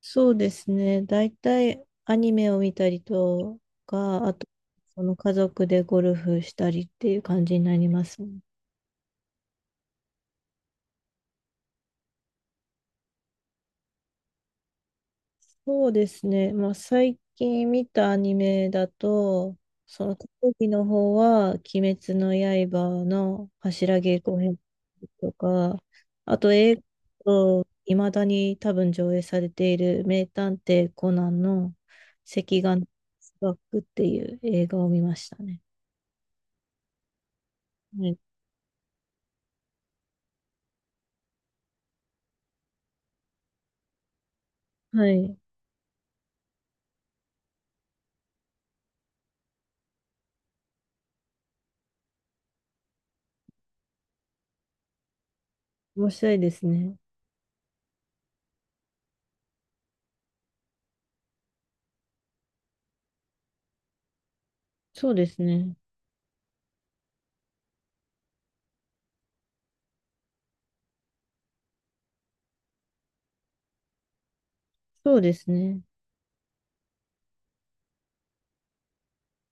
そうですね。大体アニメを見たりとか、あと、その家族でゴルフしたりっていう感じになりますね。そうですね。まあ、最近見たアニメだと、その特技の方は、鬼滅の刃の柱稽古編とか、あと映画と、いまだに多分上映されている名探偵コナンの赤眼バックっていう映画を見ましたね。はい。はい。面白いですね。そうですね。そうですね。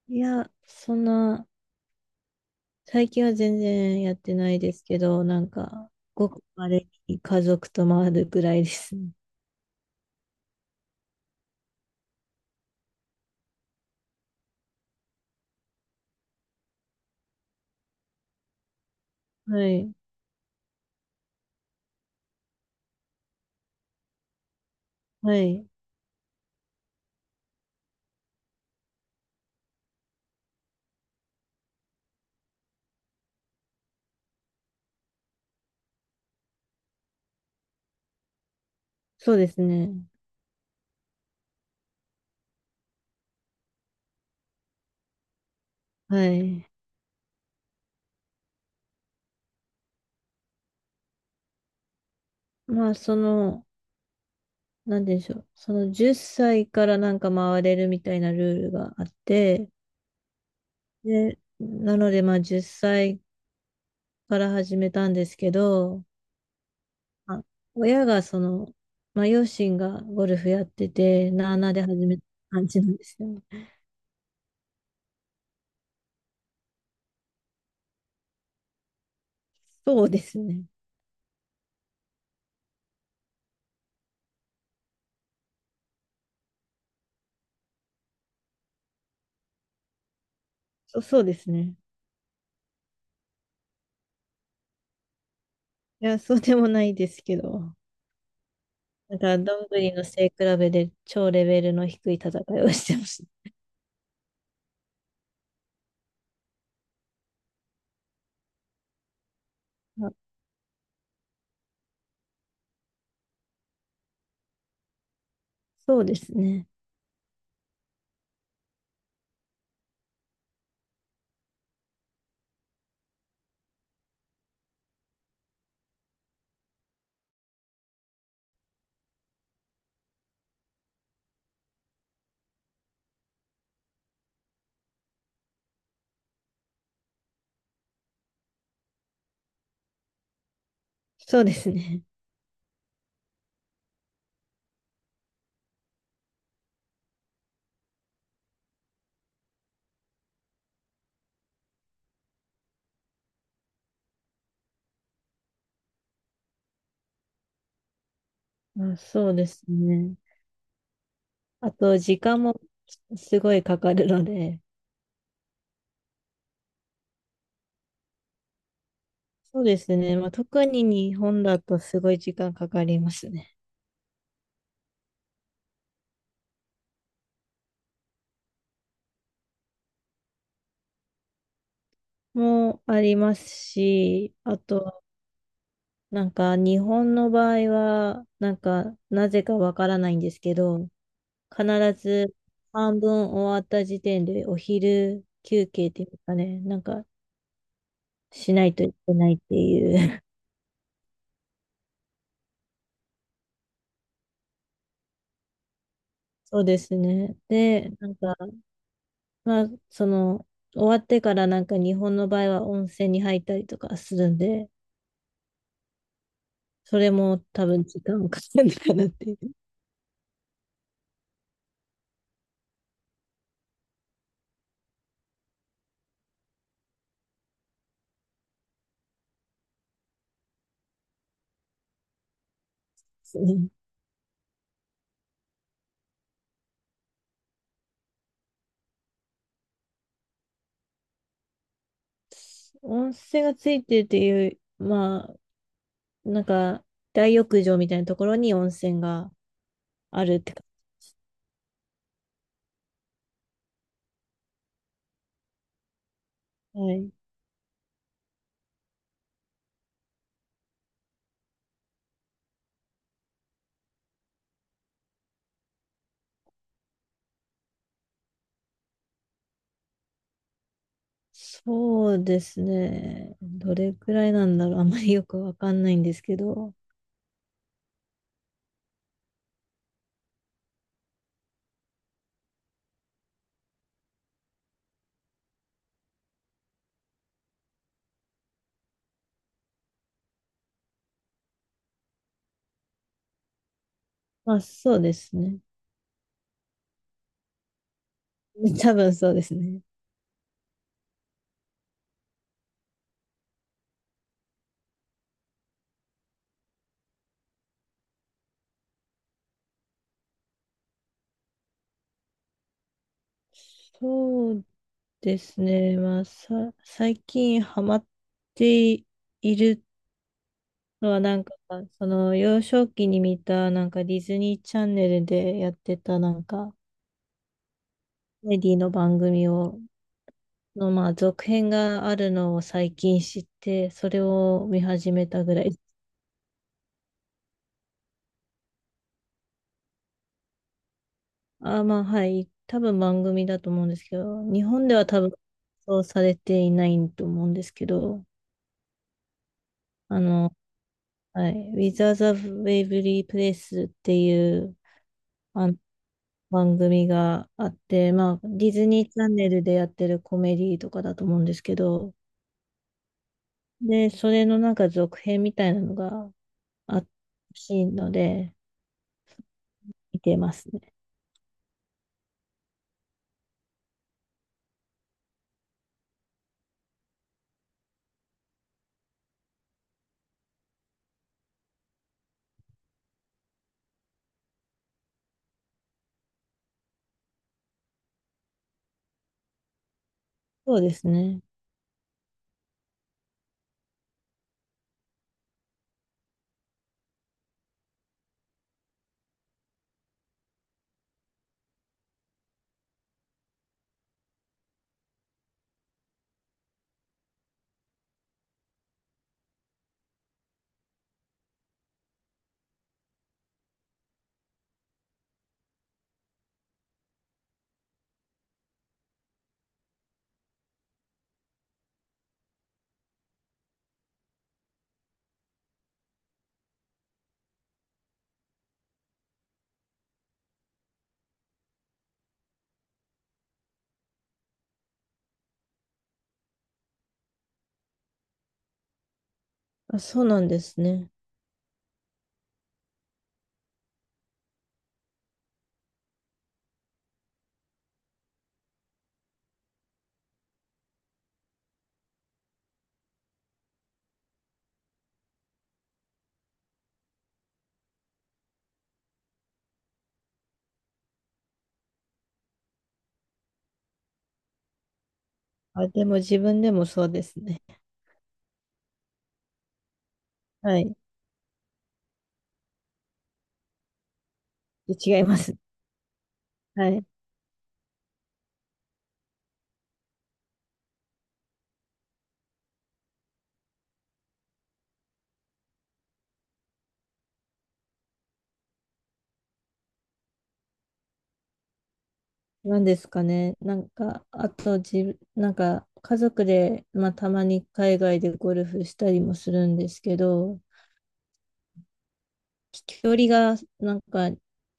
いや、そんな、最近は全然やってないですけど、なんか、ごくまれに家族と回るぐらいですね。はい。はい。そうですね。はい。まあ、その、なんでしょう。その10歳からなんか回れるみたいなルールがあって、で、なのでまあ10歳から始めたんですけど、あ親がその、まあ、両親がゴルフやってて、なあなあで始めた感じなんですよね。そうですね。そう、そうですね。いや、そうでもないですけど。だから、どんぐりの背比べで超レベルの低い戦いをしてました。あ、そうですね。そうですね。あ、そうですね。あと、時間もすごいかかるので、そうですね。まあ、特に日本だとすごい時間かかりますね。もありますし、あとなんか日本の場合は、なんかなぜかわからないんですけど、必ず半分終わった時点でお昼休憩っていうかね、なんかしないといけないっていう。そうですね。で、なんか、まあ、その、終わってからなんか日本の場合は温泉に入ったりとかするんで、それも多分時間かかるのかなっていうですね。温泉がついてるっていう、まあ、なんか、大浴場みたいなところに温泉があるってか。はい。そうですね。どれくらいなんだろう。あんまりよくわかんないんですけど。まあ、そうですね。多分そうですね。そうですね。まあ、最近ハマっているのは、なんか、その幼少期に見た、なんかディズニーチャンネルでやってた、なんか、コメディの番組をの、まあ、続編があるのを最近知って、それを見始めたぐらい。まあ、はい。多分番組だと思うんですけど、日本では多分、そうされていないと思うんですけど、あの、はい。With the Waverly Place っていう、あの、番組があって、まあ、ディズニーチャンネルでやってるコメディとかだと思うんですけど、で、それのなんか続編みたいなのがあったらしいので、見てますね。そうですね。あ、そうなんですね。あ、でも自分でもそうですね。はい。違います。はい。なんですかね。なんか、あと自、なんか、家族で、まあ、たまに海外でゴルフしたりもするんですけど、飛距離が、なんか、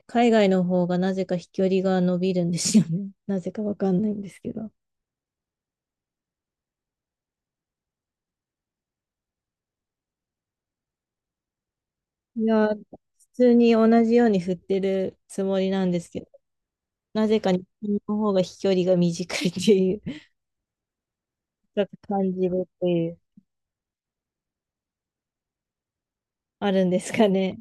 海外の方がなぜか飛距離が伸びるんですよね。なぜかわかんないんですけど。いやー、普通に同じように振ってるつもりなんですけど、なぜか日本の方が飛距離が短いっていう、ちょっと感じるっていう。あるんですかね。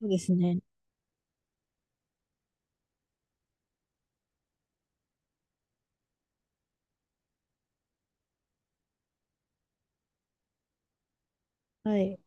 そうですね。はい。